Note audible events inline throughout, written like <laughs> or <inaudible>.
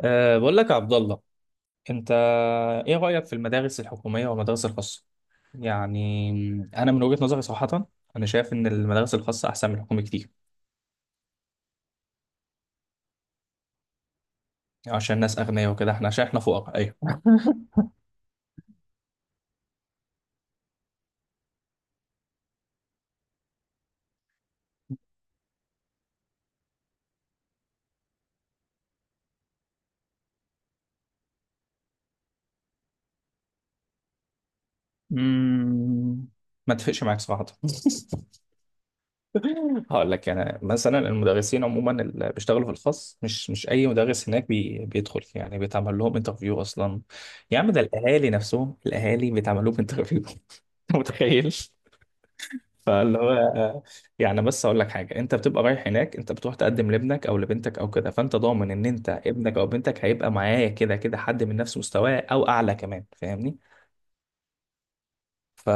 بقول لك يا عبد الله، انت ايه رأيك في المدارس الحكومية والمدارس الخاصة؟ يعني انا من وجهة نظري صراحة انا شايف ان المدارس الخاصة احسن من الحكومة كتير. عشان الناس اغنياء وكده احنا عشان احنا فقراء. ايوه. أمم، ما اتفقش معاك صراحة. <laughs> هقول لك يعني مثلا المدرسين عموما اللي بيشتغلوا في الخاص مش اي مدرس هناك بيدخل، يعني بيتعمل لهم انترفيو اصلا. يا عم ده الاهالي نفسهم الاهالي بيتعمل لهم انترفيو. <laughs> انت متخيل؟ فاللي هو يعني بس اقول لك حاجه، انت بتبقى رايح هناك، انت بتروح تقدم لابنك او لبنتك او كده، فانت ضامن ان انت ابنك او بنتك هيبقى معايا كده كده حد من نفس مستواه او اعلى كمان. فاهمني؟ ف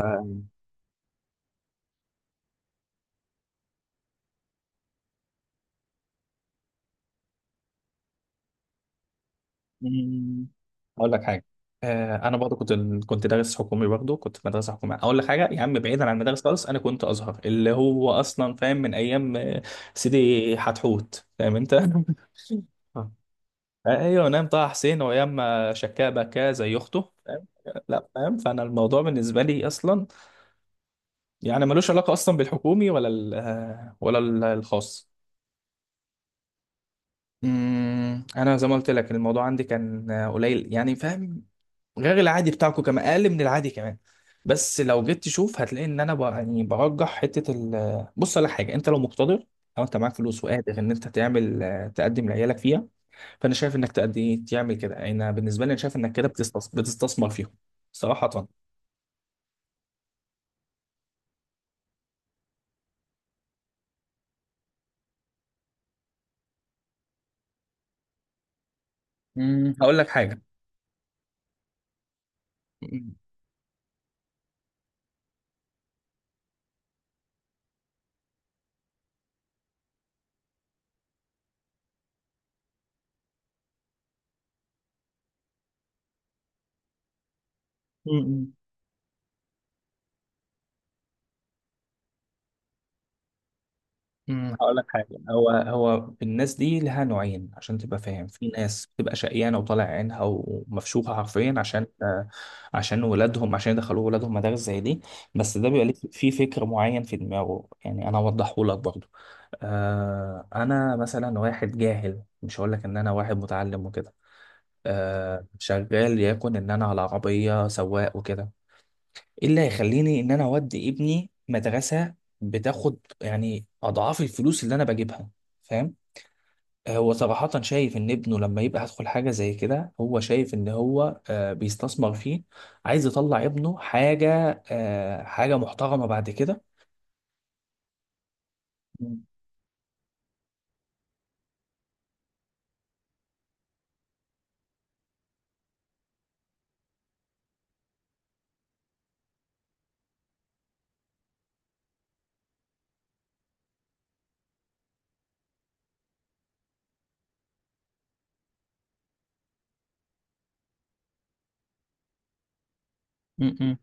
مم، اقول لك حاجه. انا برضه كنت دارس حكومي برضه، كنت في مدرسه حكوميه. اقول لك حاجه يا عم، بعيدا عن المدارس خالص، انا كنت ازهر، اللي هو اصلا فاهم من ايام سيدي حتحوت. فاهم انت؟ <laughs> ايوه، نام طه حسين وايام ما شكاه بكاه زي اخته. فاهم؟ لا فاهم، فانا الموضوع بالنسبه لي اصلا يعني ملوش علاقه اصلا بالحكومي ولا الخاص. انا زي ما قلت لك الموضوع عندي كان قليل يعني، فاهم؟ غير العادي بتاعكم كمان، اقل من العادي كمان. بس لو جيت تشوف هتلاقي ان انا يعني برجح حته بص، على حاجه، انت لو مقتدر او انت معاك فلوس وقادر ان انت تعمل تقدم لعيالك فيها. فانا شايف انك تقدم، ايه تعمل كده، انا بالنسبه لي انا شايف انك كده بتستثمر، بتستثمر فيهم. صراحه. مم. هقول لك حاجه. مم. مم. مم. هقول لك حاجه، هو هو الناس دي لها نوعين عشان تبقى فاهم. في ناس بتبقى شقيانه وطالع عينها ومفشوخه حرفيا عشان عشان ولادهم، عشان يدخلوا ولادهم مدارس زي دي. بس ده بيبقى ليه في فكر معين في دماغه، يعني انا اوضحه لك برضه. انا مثلا واحد جاهل، مش هقول لك ان انا واحد متعلم وكده. شغال، يكون ان انا على عربيه سواق وكده. ايه اللي هيخليني ان انا اودي ابني مدرسه بتاخد يعني اضعاف الفلوس اللي انا بجيبها؟ فاهم؟ هو صراحة شايف إن ابنه لما يبقى هيدخل حاجة زي كده، هو شايف إن هو بيستثمر فيه. عايز يطلع ابنه حاجة حاجة محترمة بعد كده. مم. م- م-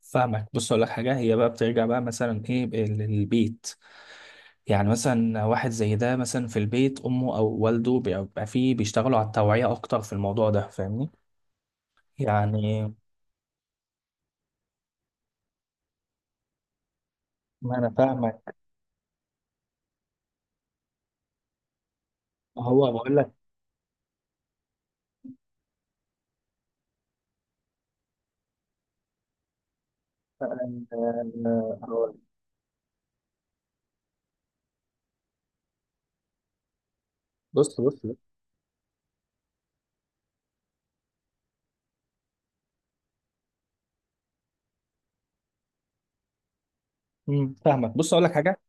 فاهمك، بص أقول لك حاجة. هي بقى بترجع بقى مثلا إيه للبيت. يعني مثلا واحد زي ده مثلا في البيت امه او والده بيبقى فيه بيشتغلوا على التوعية اكتر في الموضوع ده. فاهمني؟ يعني ما انا فاهمك. هو بقول لك آه، هقول- بص بص بص. فاهمك، بص اقول لك حاجه.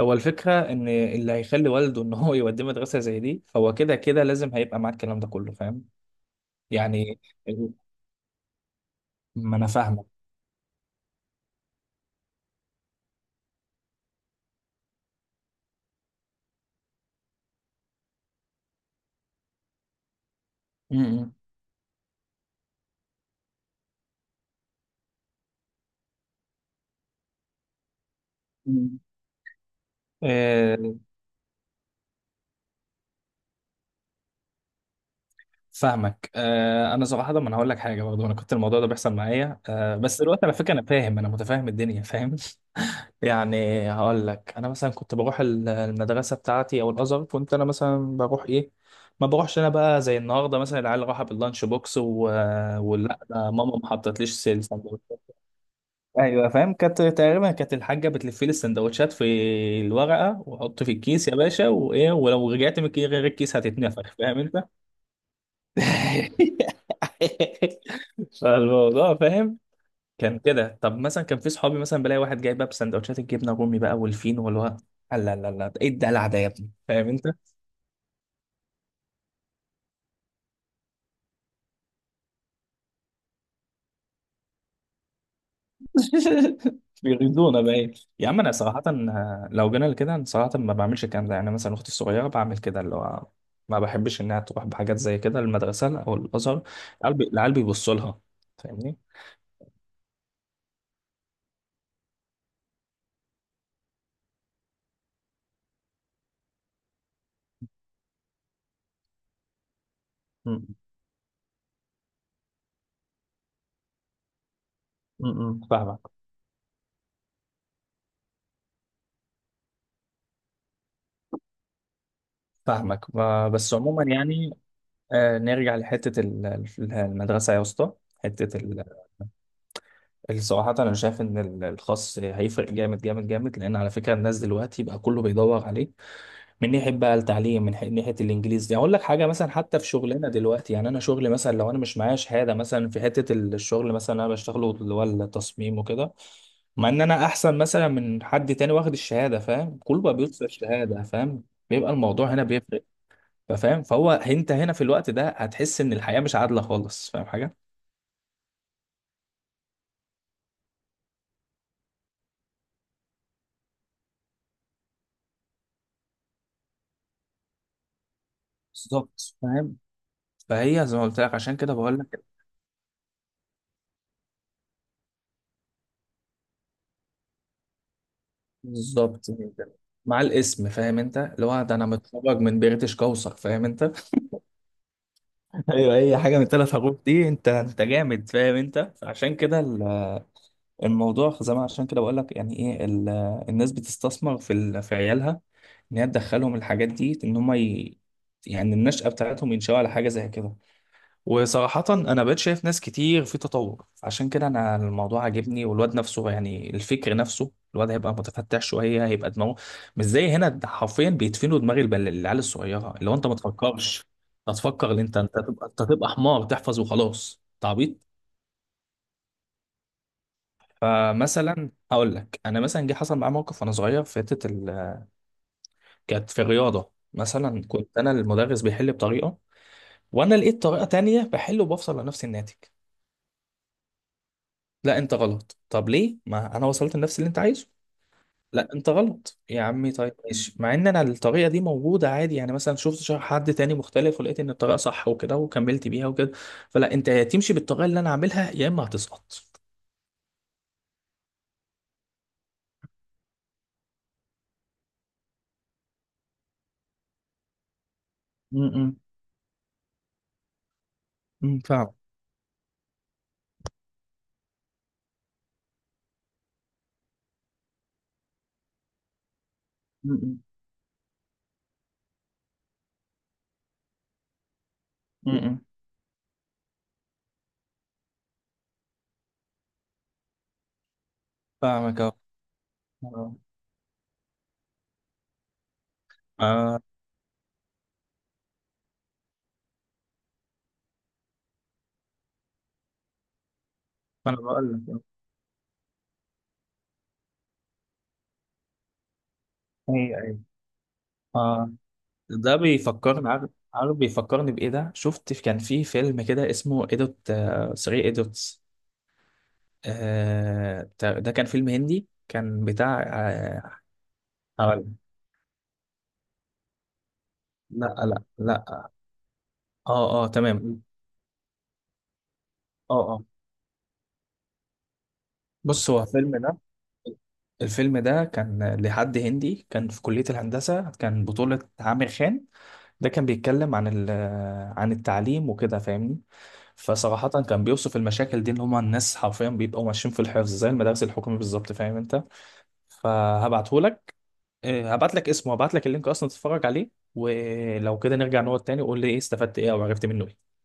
هو الفكره ان اللي هيخلي والده ان هو يوديه مدرسه زي دي، فهو كده كده لازم هيبقى معاه الكلام ده كله. فاهم؟ يعني ال- ما انا فاهمك. امم مم. مم. آه، فاهمك. انا صراحه ما انا هقول لك حاجه برضه. انا كنت الموضوع ده بيحصل معايا. بس دلوقتي على فكره انا فاهم، انا متفاهم الدنيا. فاهم؟ <laughs> يعني هقول لك انا مثلا كنت بروح المدرسه بتاعتي او الازهر. كنت انا مثلا بروح ايه، ما بروحش انا بقى زي النهارده مثلا العيال راحه باللانش بوكس و... ولا ده ماما ما حطتليش السندوتشات. ايوه فاهم. كانت تقريبا كانت الحاجه بتلف لي السندوتشات في الورقه وحط في الكيس يا باشا، وايه ولو رجعت من غير الكيس هتتنفخ. فاهم انت؟ <laughs> فالموضوع فاهم كان كده. طب مثلا كان في صحابي مثلا بلاقي واحد جاي بقى بسندوتشات الجبنه الرومي بقى والفينو واللي هو لا لا لا ايه الدلع ده يا ابني. فاهم انت؟ <laughs> بيغيظونا بقى ايه. يا عم انا صراحه لو جينا لكده انا صراحه ما بعملش الكلام ده. يعني مثلا اختي الصغيره بعمل كده اللي هو ما بحبش انها تروح بحاجات زي كده المدرسه او الازهر. العيال العيال بيبصوا لها. فاهمني؟ م- م- م. فاهمك. فاهمك ما- بس عموما يعني نرجع لحته المدرسه يا اسطى. حته ال- الصراحة أنا شايف إن الخاص هيفرق جامد جامد جامد، لأن على فكرة الناس دلوقتي بقى كله بيدور عليه. من ناحية بقى التعليم من ناحية الإنجليزي. يعني أقول لك حاجة مثلا، حتى في شغلنا دلوقتي، يعني أنا شغلي مثلا لو أنا مش معايا شهادة مثلا في حتة الشغل مثلا أنا بشتغله، اللي هو التصميم وكده، مع إن أنا أحسن مثلا من حد تاني واخد الشهادة. فاهم؟ كله بقى بيوصل الشهادة. فاهم؟ بيبقى الموضوع هنا بيفرق. فاهم؟ فهو أنت هنا في الوقت ده هتحس إن الحياة مش عادلة خالص. فاهم حاجة؟ بالظبط، فاهم. فهي زي ما قلت لك، عشان كده بقول لك. بالظبط كده. مع الاسم، فاهم انت اللي هو ده انا متخرج من بريتش كوثر. فاهم انت؟ <laughs> ايوه اي حاجه من الثلاث حروف دي انت انت جامد. فاهم انت؟ عشان كده الموضوع زي ما عشان كده بقول لك يعني ايه الناس بتستثمر في في عيالها ان هي تدخلهم الحاجات دي ان هم ي... يعني النشأة بتاعتهم ينشأوا على حاجه زي كده. وصراحة أنا بقيت شايف ناس كتير في تطور، عشان كده أنا الموضوع عاجبني. والواد نفسه يعني الفكر نفسه الواد هيبقى متفتح شوية، هيبقى دماغه مش زي هنا. ده حرفيا بيدفنوا دماغ العيال الصغيرة، اللي هو أنت ما تفكرش، أنت تفكر اللي أنت تبقى أنت تبقى حمار تحفظ وخلاص. أنت عبيط. فمثلا هقول لك، أنا مثلا جه حصل معايا موقف وأنا صغير في حتة ال... كانت في الرياضة مثلا، كنت أنا المدرس بيحل بطريقة وأنا لقيت طريقة تانية بحل وبفصل لنفس الناتج. لا انت غلط. طب ليه، ما انا وصلت لنفس اللي انت عايزه. لا انت غلط يا عمي. طيب ماشي. مع ان انا الطريقه دي موجوده عادي، يعني مثلا شفت حد تاني مختلف ولقيت ان الطريقه صح وكده وكملت بيها وكده. فلا انت يا تمشي بالطريقه اللي انا عاملها يا اما هتسقط. م- فاهم. م- م- م- فاهمك. اه آه. آه انا بقول لك. اي اي. آه ده بيفكرني. عارف عارف بيفكرني بايه، ده شفت كان في فيلم كده اسمه ايدوت 3 ايدوتس. ده كان فيلم هندي، كان بتاع هقول- لا لا لا. اه اه تمام. اه اه، بص هو الفيلم ده. الفيلم ده كان لحد هندي كان في كلية الهندسة، كان بطولة عامر خان. ده كان بيتكلم عن عن التعليم وكده. فاهمني؟ فصراحة كان بيوصف المشاكل دي اللي هما الناس حرفيا بيبقوا ماشيين في الحفظ زي المدارس الحكومية بالظبط. فاهم انت؟ فهبعتهولك. إيه، هبعت لك اسمه، هبعت لك اللينك اصلا تتفرج عليه. ولو كده نرجع نقعد تاني وقول لي ايه استفدت، ايه او عرفت منه ايه.